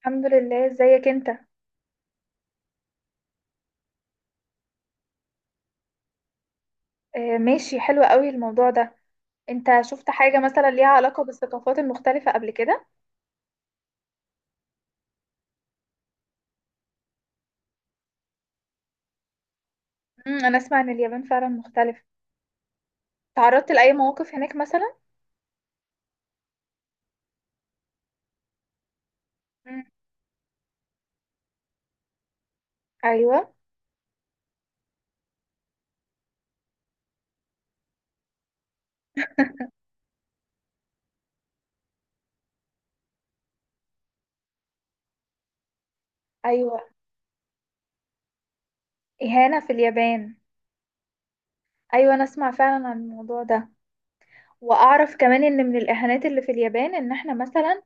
الحمد لله، ازيك انت؟ آه ماشي، حلو قوي الموضوع ده. انت شفت حاجة مثلا ليها علاقة بالثقافات المختلفة قبل كده؟ انا اسمع ان اليابان فعلا مختلفة. تعرضت لأي مواقف هناك مثلا؟ امم، ايوه، ايوه. اهانة في اليابان؟ ايوه، انا اسمع فعلا عن الموضوع ده. واعرف كمان ان من الاهانات اللي في اليابان ان احنا مثلا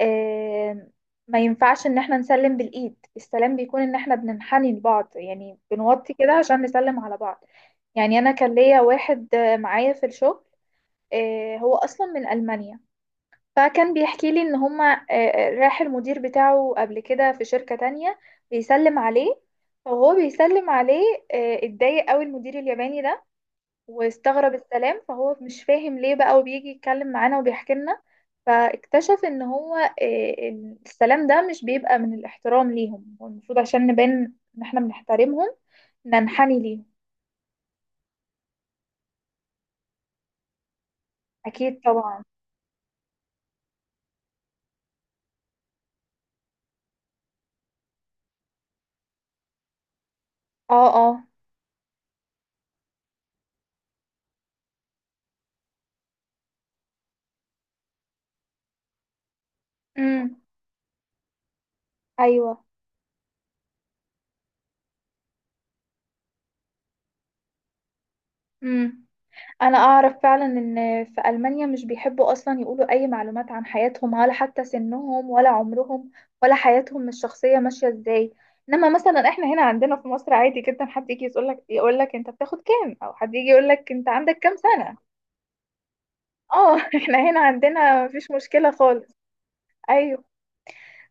آه، ما ينفعش ان احنا نسلم بالايد. السلام بيكون ان احنا بننحني لبعض، يعني بنوطي كده عشان نسلم على بعض. يعني انا كان ليا واحد معايا في الشغل، هو اصلا من المانيا. فكان بيحكي لي ان هما راح المدير بتاعه قبل كده في شركة تانية بيسلم عليه. فهو بيسلم عليه، اتضايق قوي المدير الياباني ده واستغرب السلام، فهو مش فاهم ليه بقى، وبيجي يتكلم معانا وبيحكي لنا. فاكتشف ان هو إن السلام ده مش بيبقى من الاحترام ليهم. هو المفروض عشان نبان ان احنا بنحترمهم ننحني ليهم. اكيد طبعا. اه اه. امم. ايوه. امم. انا اعرف فعلا ان في المانيا مش بيحبوا اصلا يقولوا اي معلومات عن حياتهم، ولا حتى سنهم ولا عمرهم ولا حياتهم الشخصيه ماشيه ازاي. انما مثلا احنا هنا عندنا في مصر عادي جدا حد يجي يقول لك، يقول لك انت بتاخد كام، او حد يجي يقول لك انت عندك كام سنه. اه احنا هنا عندنا مفيش مشكله خالص. ايوه.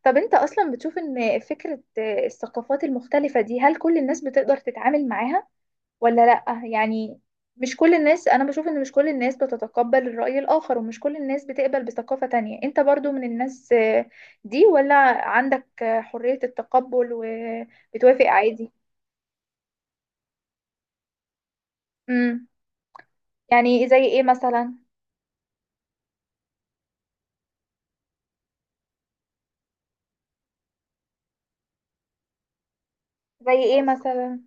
طب انت اصلا بتشوف ان فكره الثقافات المختلفه دي هل كل الناس بتقدر تتعامل معاها ولا لأ؟ يعني مش كل الناس. أنا بشوف إن مش كل الناس بتتقبل الرأي الآخر، ومش كل الناس بتقبل بثقافة تانية. أنت برضو من الناس دي ولا عندك حرية التقبل وبتوافق عادي؟ امم. يعني زي إيه مثلا؟ زي إيه مثلا؟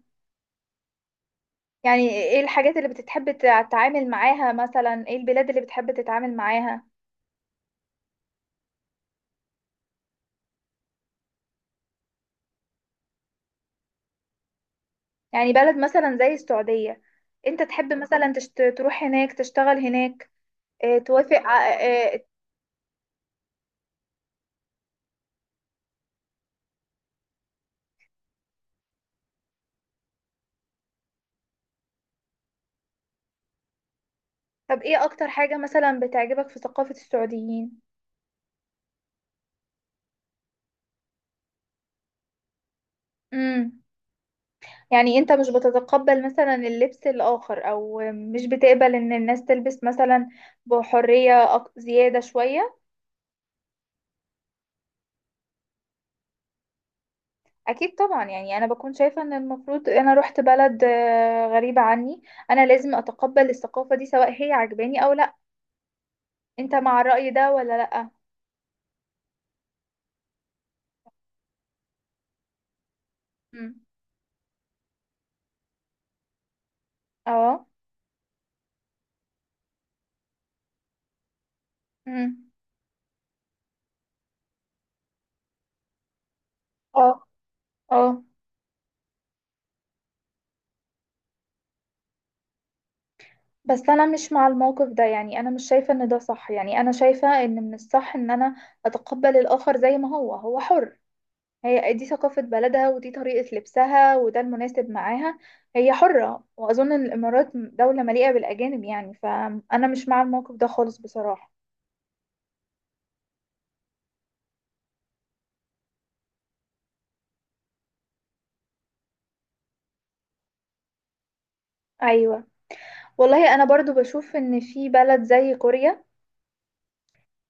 يعني إيه الحاجات اللي بتحب تتعامل معاها مثلا؟ إيه البلاد اللي بتحب تتعامل معاها؟ يعني بلد مثلا زي السعودية؟ أنت تحب مثلا تروح هناك تشتغل هناك، توافق؟ آه،. آه، طب ايه اكتر حاجة مثلا بتعجبك في ثقافة السعوديين؟ امم. يعني انت مش بتتقبل مثلا اللبس الاخر، او مش بتقبل ان الناس تلبس مثلا بحرية زيادة شوية؟ اكيد طبعا. يعني انا بكون شايفة ان المفروض انا رحت بلد غريبة عني، انا لازم اتقبل الثقافة دي سواء هي عجباني او لا. انت مع الرأي ده ولا لا؟ امم. اه. امم. اه اه. بس انا مش مع الموقف ده. يعني انا مش شايفة ان ده صح. يعني انا شايفة ان من الصح ان انا اتقبل الاخر زي ما هو. هو حر. هي دي ثقافة بلدها، ودي طريقة لبسها، وده المناسب معاها. هي حرة، واظن إن الامارات دولة مليئة بالاجانب. يعني فانا مش مع الموقف ده خالص بصراحة. ايوه. والله انا برضو بشوف ان في بلد زي كوريا،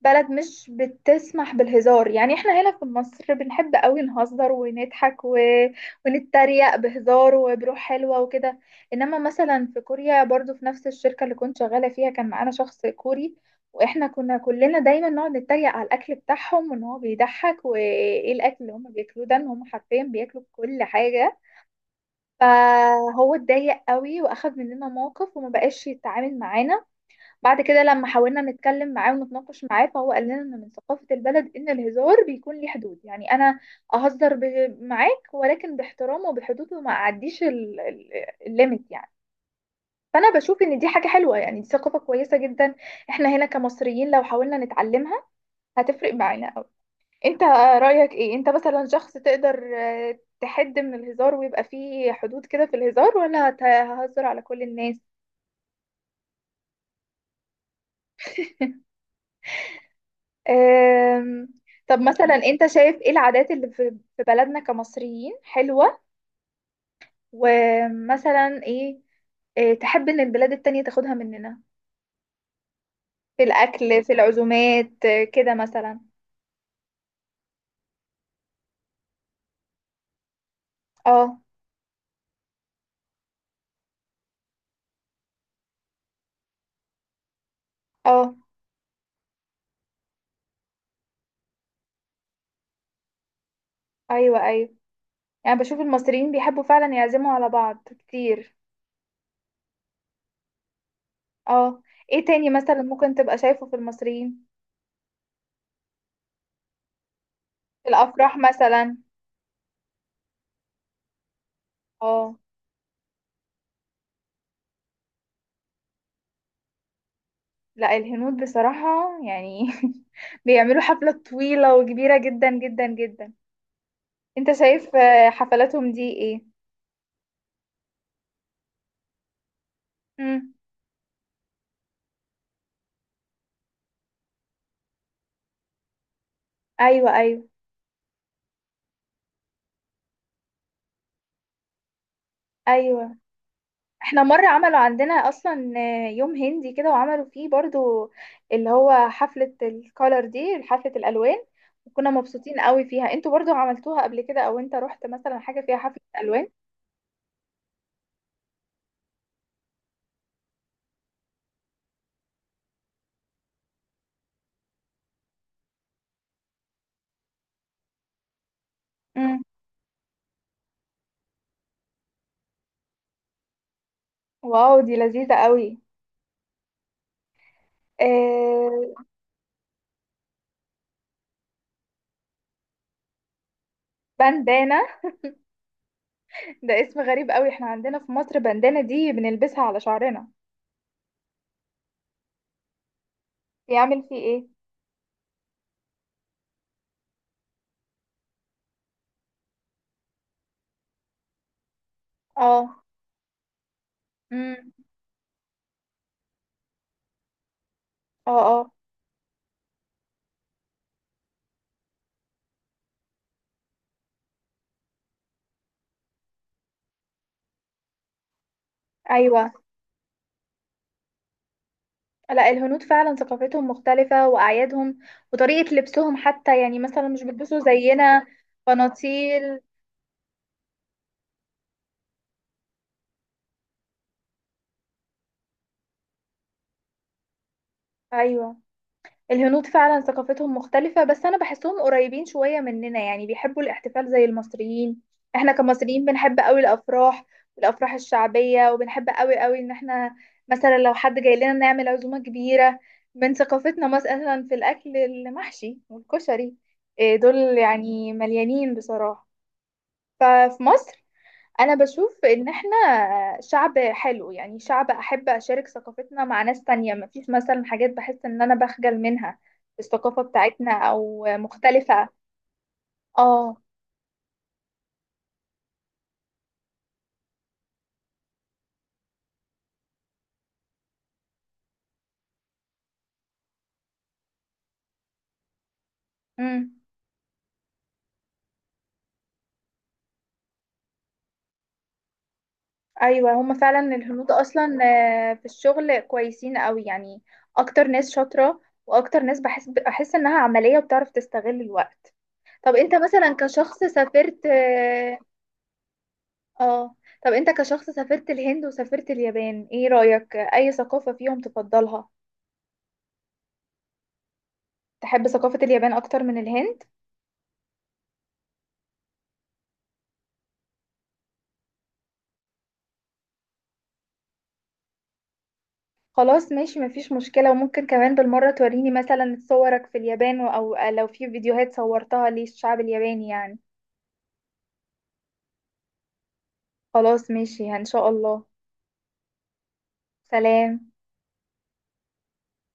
بلد مش بتسمح بالهزار. يعني احنا هنا في مصر بنحب قوي نهزر ونضحك و... ونتريق بهزار وبروح حلوة وكده. انما مثلا في كوريا، برضو في نفس الشركة اللي كنت شغالة فيها كان معانا شخص كوري. واحنا كنا كلنا دايما نقعد نتريق على الاكل بتاعهم، وان هو بيضحك وايه الاكل اللي هم بياكلوه ده، ان هم حرفيا بياكلوا كل حاجة. فهو اتضايق قوي، واخد مننا موقف وما بقاش يتعامل معانا. بعد كده لما حاولنا نتكلم معاه ونتناقش معاه، فهو قال لنا ان من ثقافة البلد ان الهزار بيكون ليه حدود. يعني انا معاك ولكن باحترام وبحدود، وما اعديش الليميت يعني. فانا بشوف ان دي حاجة حلوة، يعني دي ثقافة كويسة جدا. احنا هنا كمصريين لو حاولنا نتعلمها، هتفرق معانا قوي. انت رأيك ايه؟ انت مثلا شخص تقدر تحد من الهزار ويبقى فيه حدود كده في الهزار، ولا ههزر على كل الناس؟ أم، طب مثلا انت شايف ايه العادات اللي في بلدنا كمصريين حلوة؟ ومثلا ايه تحب ان البلاد التانية تاخدها مننا؟ في الاكل، في العزومات، كده مثلا. اه اه. ايوه ايوه. يعني بشوف المصريين بيحبوا فعلا يعزموا على بعض كتير. اه. ايه تاني مثلا ممكن تبقى شايفه في المصريين؟ في الافراح مثلا. اه. لا الهنود بصراحة يعني بيعملوا حفلة طويلة وكبيرة جدا جدا جدا. انت شايف حفلاتهم دي ايه؟ امم. ايوه ايوه ايوه. احنا مره عملوا عندنا اصلا يوم هندي كده، وعملوا فيه برضو اللي هو حفله الكولر دي، حفله الالوان. وكنا مبسوطين قوي فيها. انتوا برضو عملتوها قبل كده؟ او انت رحت مثلا حاجه فيها حفله الوان؟ امم. واو، دي لذيذه قوي. آه. بندانه؟ ده اسم غريب قوي. احنا عندنا في مصر بندانه دي بنلبسها على شعرنا. يعمل فيه ايه؟ اه. امم. اه اه. ايوه. لا الهنود فعلا ثقافتهم مختلفة، وأعيادهم وطريقة لبسهم حتى. يعني مثلا مش بيلبسوا زينا بناطيل. أيوة. الهنود فعلا ثقافتهم مختلفة، بس أنا بحسهم قريبين شوية مننا. يعني بيحبوا الاحتفال زي المصريين. احنا كمصريين بنحب قوي الأفراح والأفراح الشعبية، وبنحب قوي قوي إن احنا مثلا لو حد جاي لنا نعمل عزومة كبيرة. من ثقافتنا مثلا في الأكل المحشي والكشري، دول يعني مليانين بصراحة. ففي مصر انا بشوف ان احنا شعب حلو. يعني شعب احب اشارك ثقافتنا مع ناس تانية، مفيش مثلا حاجات بحس ان انا بخجل منها في الثقافة بتاعتنا او مختلفة. اه. امم. ايوه، هما فعلا الهنود اصلا في الشغل كويسين قوي يعني. اكتر ناس شاطرة، واكتر ناس بحس انها عملية وبتعرف تستغل الوقت. طب انت مثلا كشخص سافرت اه، آه، طب انت كشخص سافرت الهند وسافرت اليابان، ايه رأيك؟ اي ثقافة فيهم تفضلها؟ تحب ثقافة اليابان أكتر من الهند؟ خلاص ماشي، مفيش مشكلة. وممكن كمان بالمرة توريني مثلا صورك في اليابان، أو لو في فيديوهات صورتها للشعب الياباني يعني. خلاص ماشي، إن شاء الله. سلام.